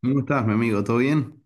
¿Cómo estás, mi amigo? ¿Todo bien?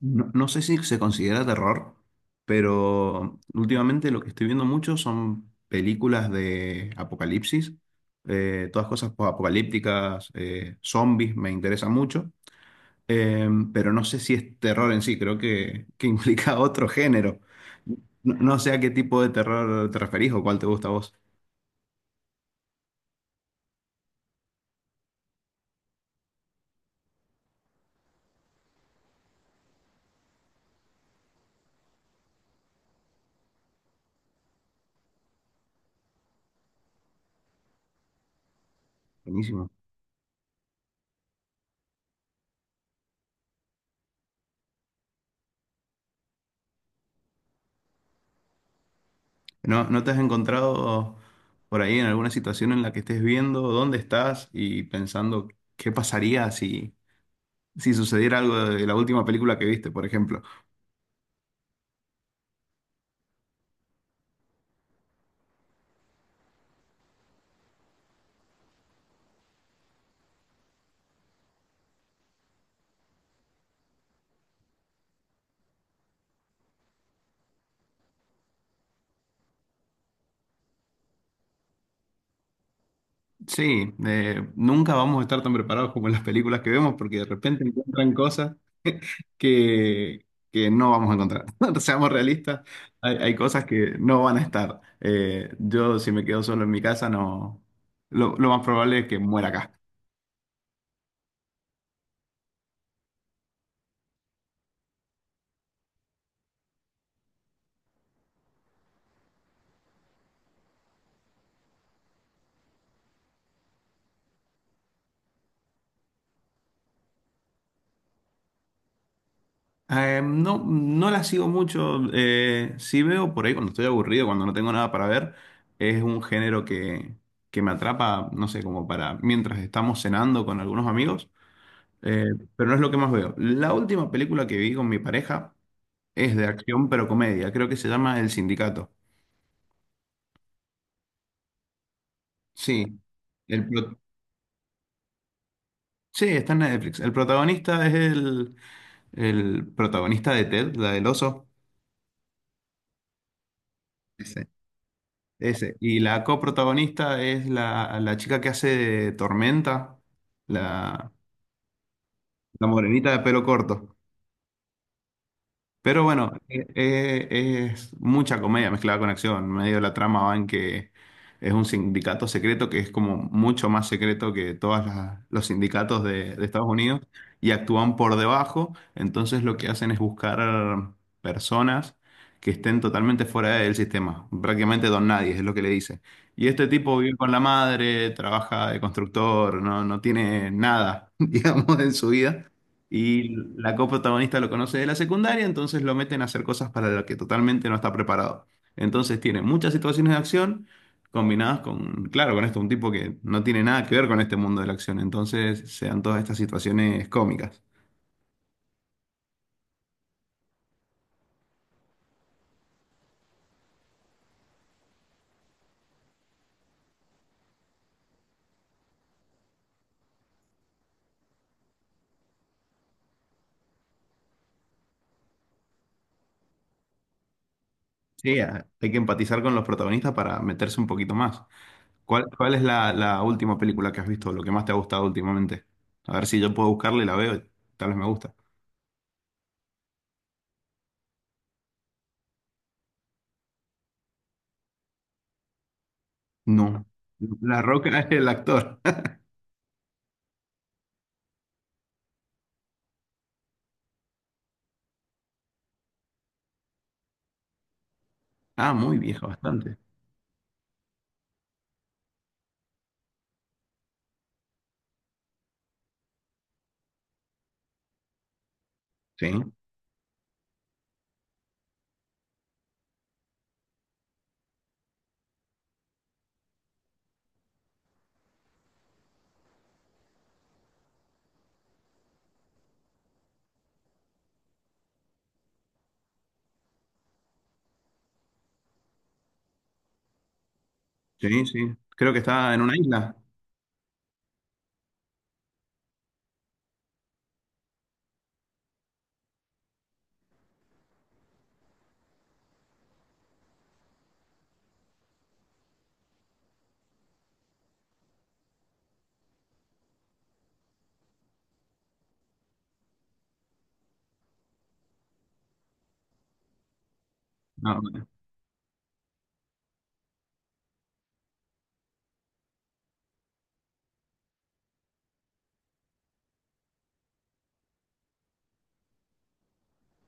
No, no sé si se considera terror, pero últimamente lo que estoy viendo mucho son películas de apocalipsis, todas cosas apocalípticas, zombies, me interesa mucho, eh, pero no sé si es terror en sí, creo que implica otro género. No, no sé a qué tipo de terror te referís o cuál te gusta a vos. Buenísimo. ¿No te has encontrado por ahí en alguna situación en la que estés viendo dónde estás y pensando qué pasaría si sucediera algo de la última película que viste, por ejemplo? Sí, nunca vamos a estar tan preparados como en las películas que vemos porque de repente encuentran cosas que, que no vamos a encontrar. Seamos realistas, hay cosas que no van a estar. Yo si me quedo solo en mi casa, no, lo más probable es que muera acá. No, no la sigo mucho. Sí veo por ahí cuando estoy aburrido, cuando no tengo nada para ver. Es un género que me atrapa, no sé, como para mientras estamos cenando con algunos amigos. eh, pero no es lo que más veo. La última película que vi con mi pareja es de acción pero comedia. Creo que se llama El Sindicato. Sí. El pro- sí, está en Netflix. El protagonista es el protagonista de Ted, la del oso. Ese. Y la coprotagonista es la chica que hace de Tormenta, la, la morenita de pelo corto. Pero bueno, es mucha comedia mezclada con acción. Medio de la trama va en que es un sindicato secreto que es como mucho más secreto que todos los sindicatos de Estados Unidos y actúan por debajo. Entonces lo que hacen es buscar personas que estén totalmente fuera del sistema. Prácticamente don nadie, es lo que le dice. Y este tipo vive con la madre, trabaja de constructor, no, no tiene nada, digamos, en su vida. Y la coprotagonista lo conoce de la secundaria, entonces lo meten a hacer cosas para las que totalmente no está preparado. Entonces tiene muchas situaciones de acción combinadas con, claro, con esto, un tipo que no tiene nada que ver con este mundo de la acción. Entonces se dan todas estas situaciones cómicas. Sí, hay que empatizar con los protagonistas para meterse un poquito más. ¿Cuál es la última película que has visto, lo que más te ha gustado últimamente? A ver si yo puedo buscarla y la veo, y tal vez me gusta. No. La Roca es el actor. Ah, muy viejo, bastante. Sí. Sí, sí. Creo que está en una isla. Ah, bueno.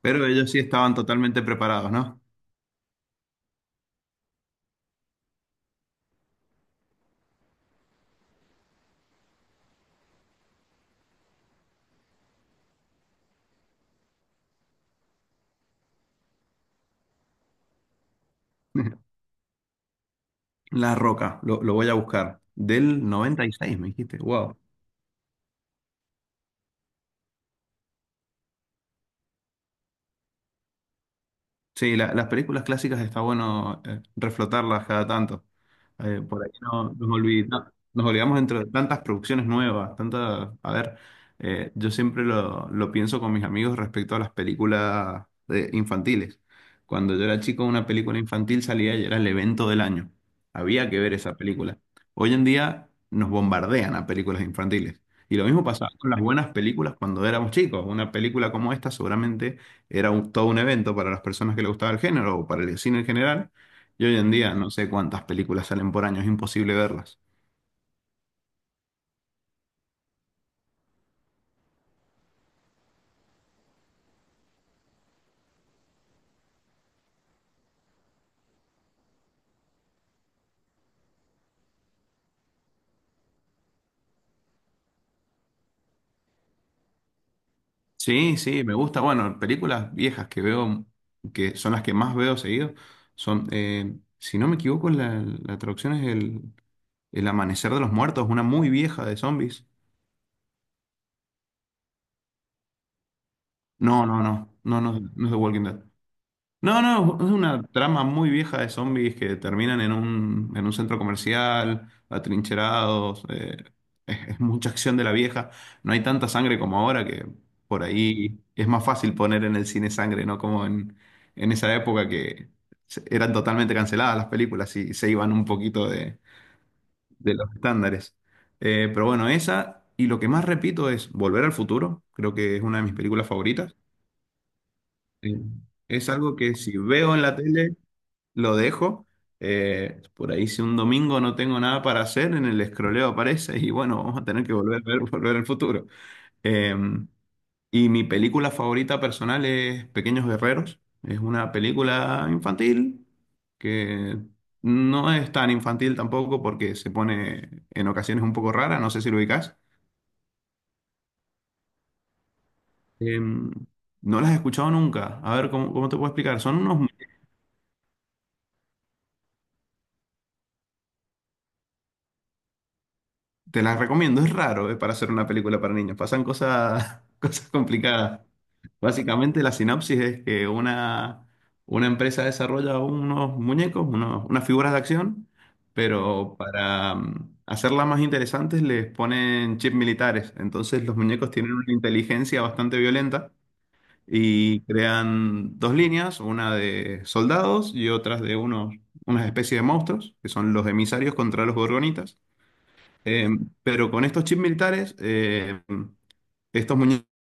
Pero ellos sí estaban totalmente preparados, ¿no? La Roca, lo voy a buscar. Del 96, me dijiste. Wow. Sí, las películas clásicas está bueno reflotarlas cada tanto. Por ahí no, nos olvid- no- nos olvidamos dentro de tantas producciones nuevas, tantas. A ver, yo siempre lo pienso con mis amigos respecto a las películas infantiles. Cuando yo era chico, una película infantil salía y era el evento del año. Había que ver esa película. Hoy en día nos bombardean a películas infantiles. Y lo mismo pasaba con las buenas películas cuando éramos chicos. Una película como esta seguramente era todo un evento para las personas que le gustaba el género o para el cine en general. Y hoy en día no sé cuántas películas salen por año, es imposible verlas. Sí, sí, me gusta. Bueno, películas viejas que veo, que son las que más veo seguido, son, si no me equivoco, la traducción es El Amanecer de los Muertos, una muy vieja de zombies. No, no, no, no, no, no es The Walking Dead. No, no, es una trama muy vieja de zombies que terminan en un centro comercial, atrincherados. Es mucha acción de la vieja. No hay tanta sangre como ahora que por ahí es más fácil poner en el cine sangre, ¿no? Como en esa época que eran totalmente canceladas las películas y se iban un poquito de los estándares. Pero bueno, esa. Y lo que más repito es Volver al Futuro. Creo que es una de mis películas favoritas. Eh, Es algo que si veo en la tele lo dejo. Por ahí si un domingo no tengo nada para hacer, en el escroleo aparece y bueno, vamos a tener que volver a ver Volver al Futuro. Eh, y mi película favorita personal es Pequeños Guerreros. Es una película infantil que no es tan infantil tampoco porque se pone en ocasiones un poco rara, no sé si lo ubicás. No las he escuchado nunca. A ver, ¿cómo te puedo explicar? Son unos Te las recomiendo, es raro, para hacer una película para niños. Pasan cosas, cosas complicadas. Básicamente la sinopsis es que una empresa desarrolla unos muñecos, unas figuras de acción, pero para hacerlas más interesantes les ponen chips militares. Entonces los muñecos tienen una inteligencia bastante violenta y crean dos líneas, una de soldados y otras de unas especies de monstruos, que son los emisarios contra los gorgonitas. Eh, pero con estos chips militares, estos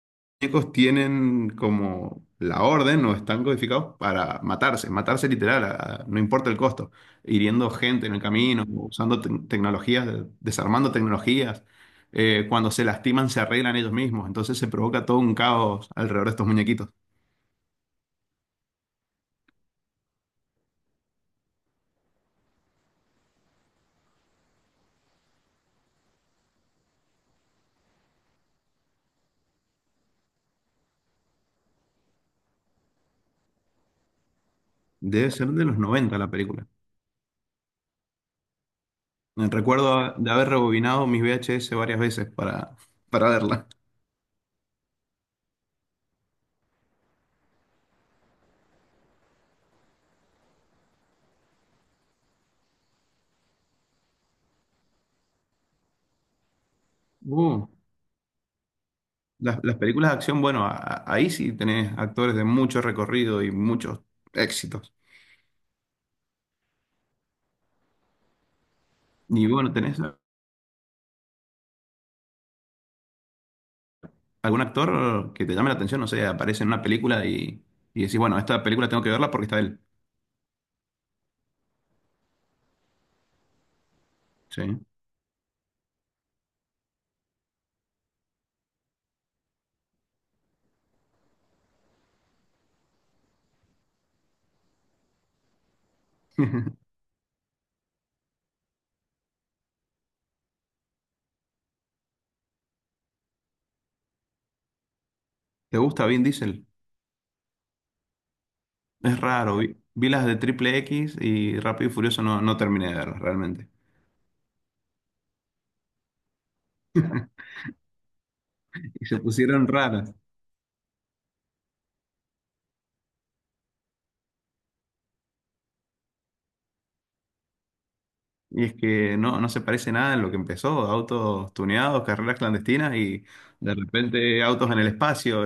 muñecos tienen como la orden o están codificados para matarse, matarse literal, no importa el costo, hiriendo gente en el camino, usando tecnologías, desarmando tecnologías. Cuando se lastiman, se arreglan ellos mismos. Entonces se provoca todo un caos alrededor de estos muñequitos. Debe ser de los 90 la película. Recuerdo de haber rebobinado mis VHS varias veces para verla. Uh. Las películas de acción, bueno, ahí sí tenés actores de mucho recorrido y muchos éxitos. Y bueno, ¿tenés algún actor que te llame la atención? No sé, aparece en una película y decís, bueno, esta película tengo que verla porque está él. Sí. ¿Te gusta Vin Diesel? Es raro. Vi las de Triple X y Rápido y Furioso no, no terminé de verlas realmente. Y se pusieron raras. Y es que no, no se parece nada en lo que empezó. Autos tuneados, carreras clandestinas y de repente autos en el espacio.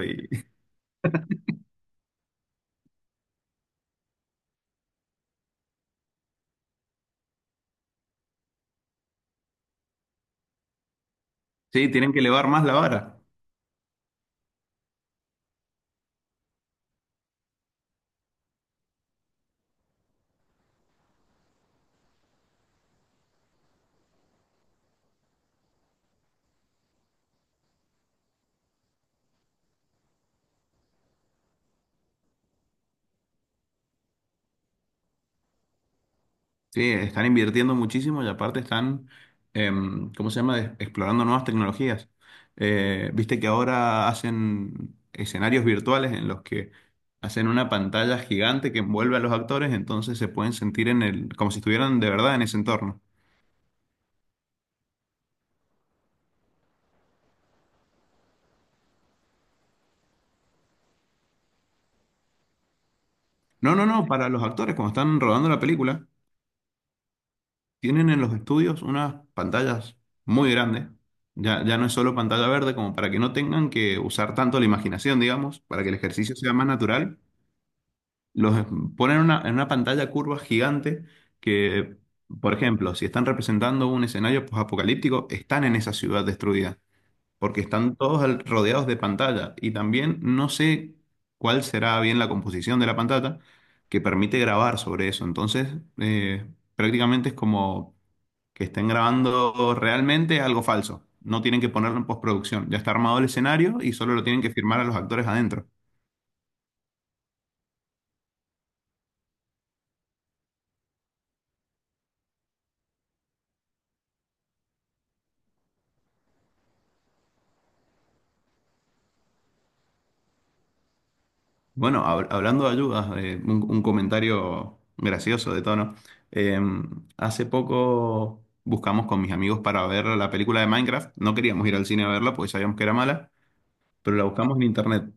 Sí, tienen que elevar más la vara. Sí, están invirtiendo muchísimo y aparte están, ¿cómo se llama? Explorando nuevas tecnologías. Viste que ahora hacen escenarios virtuales en los que hacen una pantalla gigante que envuelve a los actores, entonces se pueden sentir en el, como si estuvieran de verdad en ese entorno. No, no, no, para los actores, cuando están rodando la película, tienen en los estudios unas pantallas muy grandes. Ya, ya no es solo pantalla verde, como para que no tengan que usar tanto la imaginación, digamos, para que el ejercicio sea más natural. Los ponen en en una pantalla curva gigante que, por ejemplo, si están representando un escenario post-apocalíptico, están en esa ciudad destruida, porque están todos rodeados de pantalla. Y también no sé cuál será bien la composición de la pantalla que permite grabar sobre eso. Entonces, eh, prácticamente es como que estén grabando realmente algo falso. No tienen que ponerlo en postproducción. Ya está armado el escenario y solo lo tienen que firmar a los actores adentro. Bueno, hablando de ayudas, un comentario gracioso de tono. Eh, Hace poco buscamos con mis amigos para ver la película de Minecraft. No queríamos ir al cine a verla porque sabíamos que era mala, pero la buscamos en internet.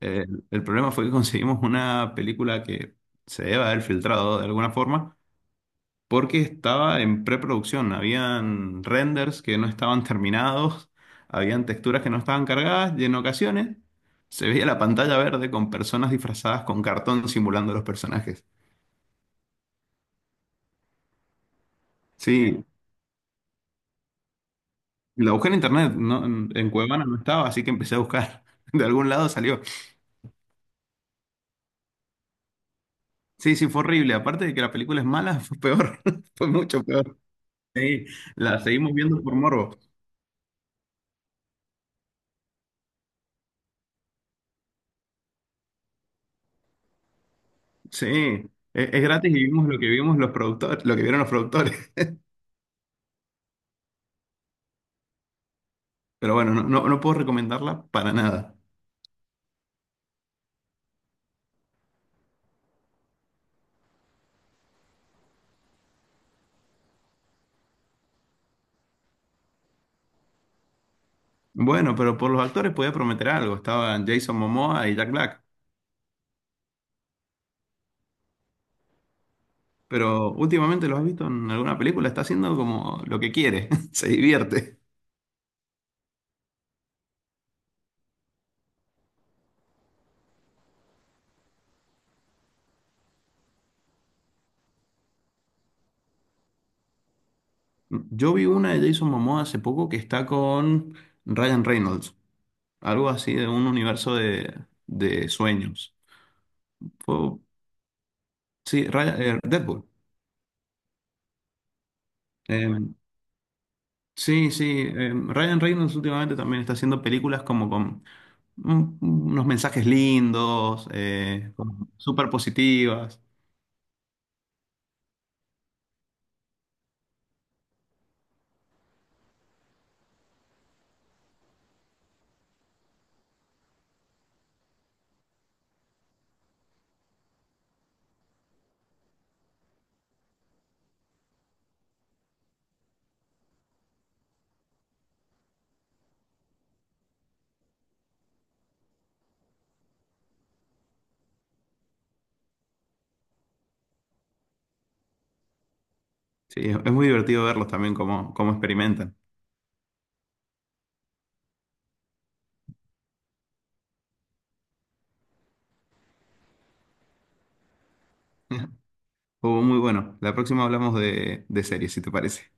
Eh, el problema fue que conseguimos una película que se debe haber filtrado de alguna forma porque estaba en preproducción. Habían renders que no estaban terminados, habían texturas que no estaban cargadas y en ocasiones se veía la pantalla verde con personas disfrazadas con cartón simulando a los personajes. Sí, la busqué en internet, no, en Cuevana no estaba, así que empecé a buscar. De algún lado salió. Sí, sí, fue horrible. Aparte de que la película es mala, fue peor. Fue mucho peor. Sí, la seguimos viendo por morbo. Sí, es gratis y vimos lo que vimos los productores, lo que vieron los productores. Pero bueno, no, no, no puedo recomendarla para nada. Bueno, pero por los actores podía prometer algo. Estaban Jason Momoa y Jack Black. Pero últimamente los has visto en alguna película, está haciendo como lo que quiere, se divierte. Yo vi una de Jason Momoa hace poco que está con Ryan Reynolds, algo así de un universo de sueños. Fue- sí, Deadpool. Eh, sí, sí, Ryan Reynolds últimamente también está haciendo películas como con unos mensajes lindos, como súper positivas. Sí, es muy divertido verlos también cómo experimentan. Estuvo muy bueno. La próxima hablamos de series, si te parece.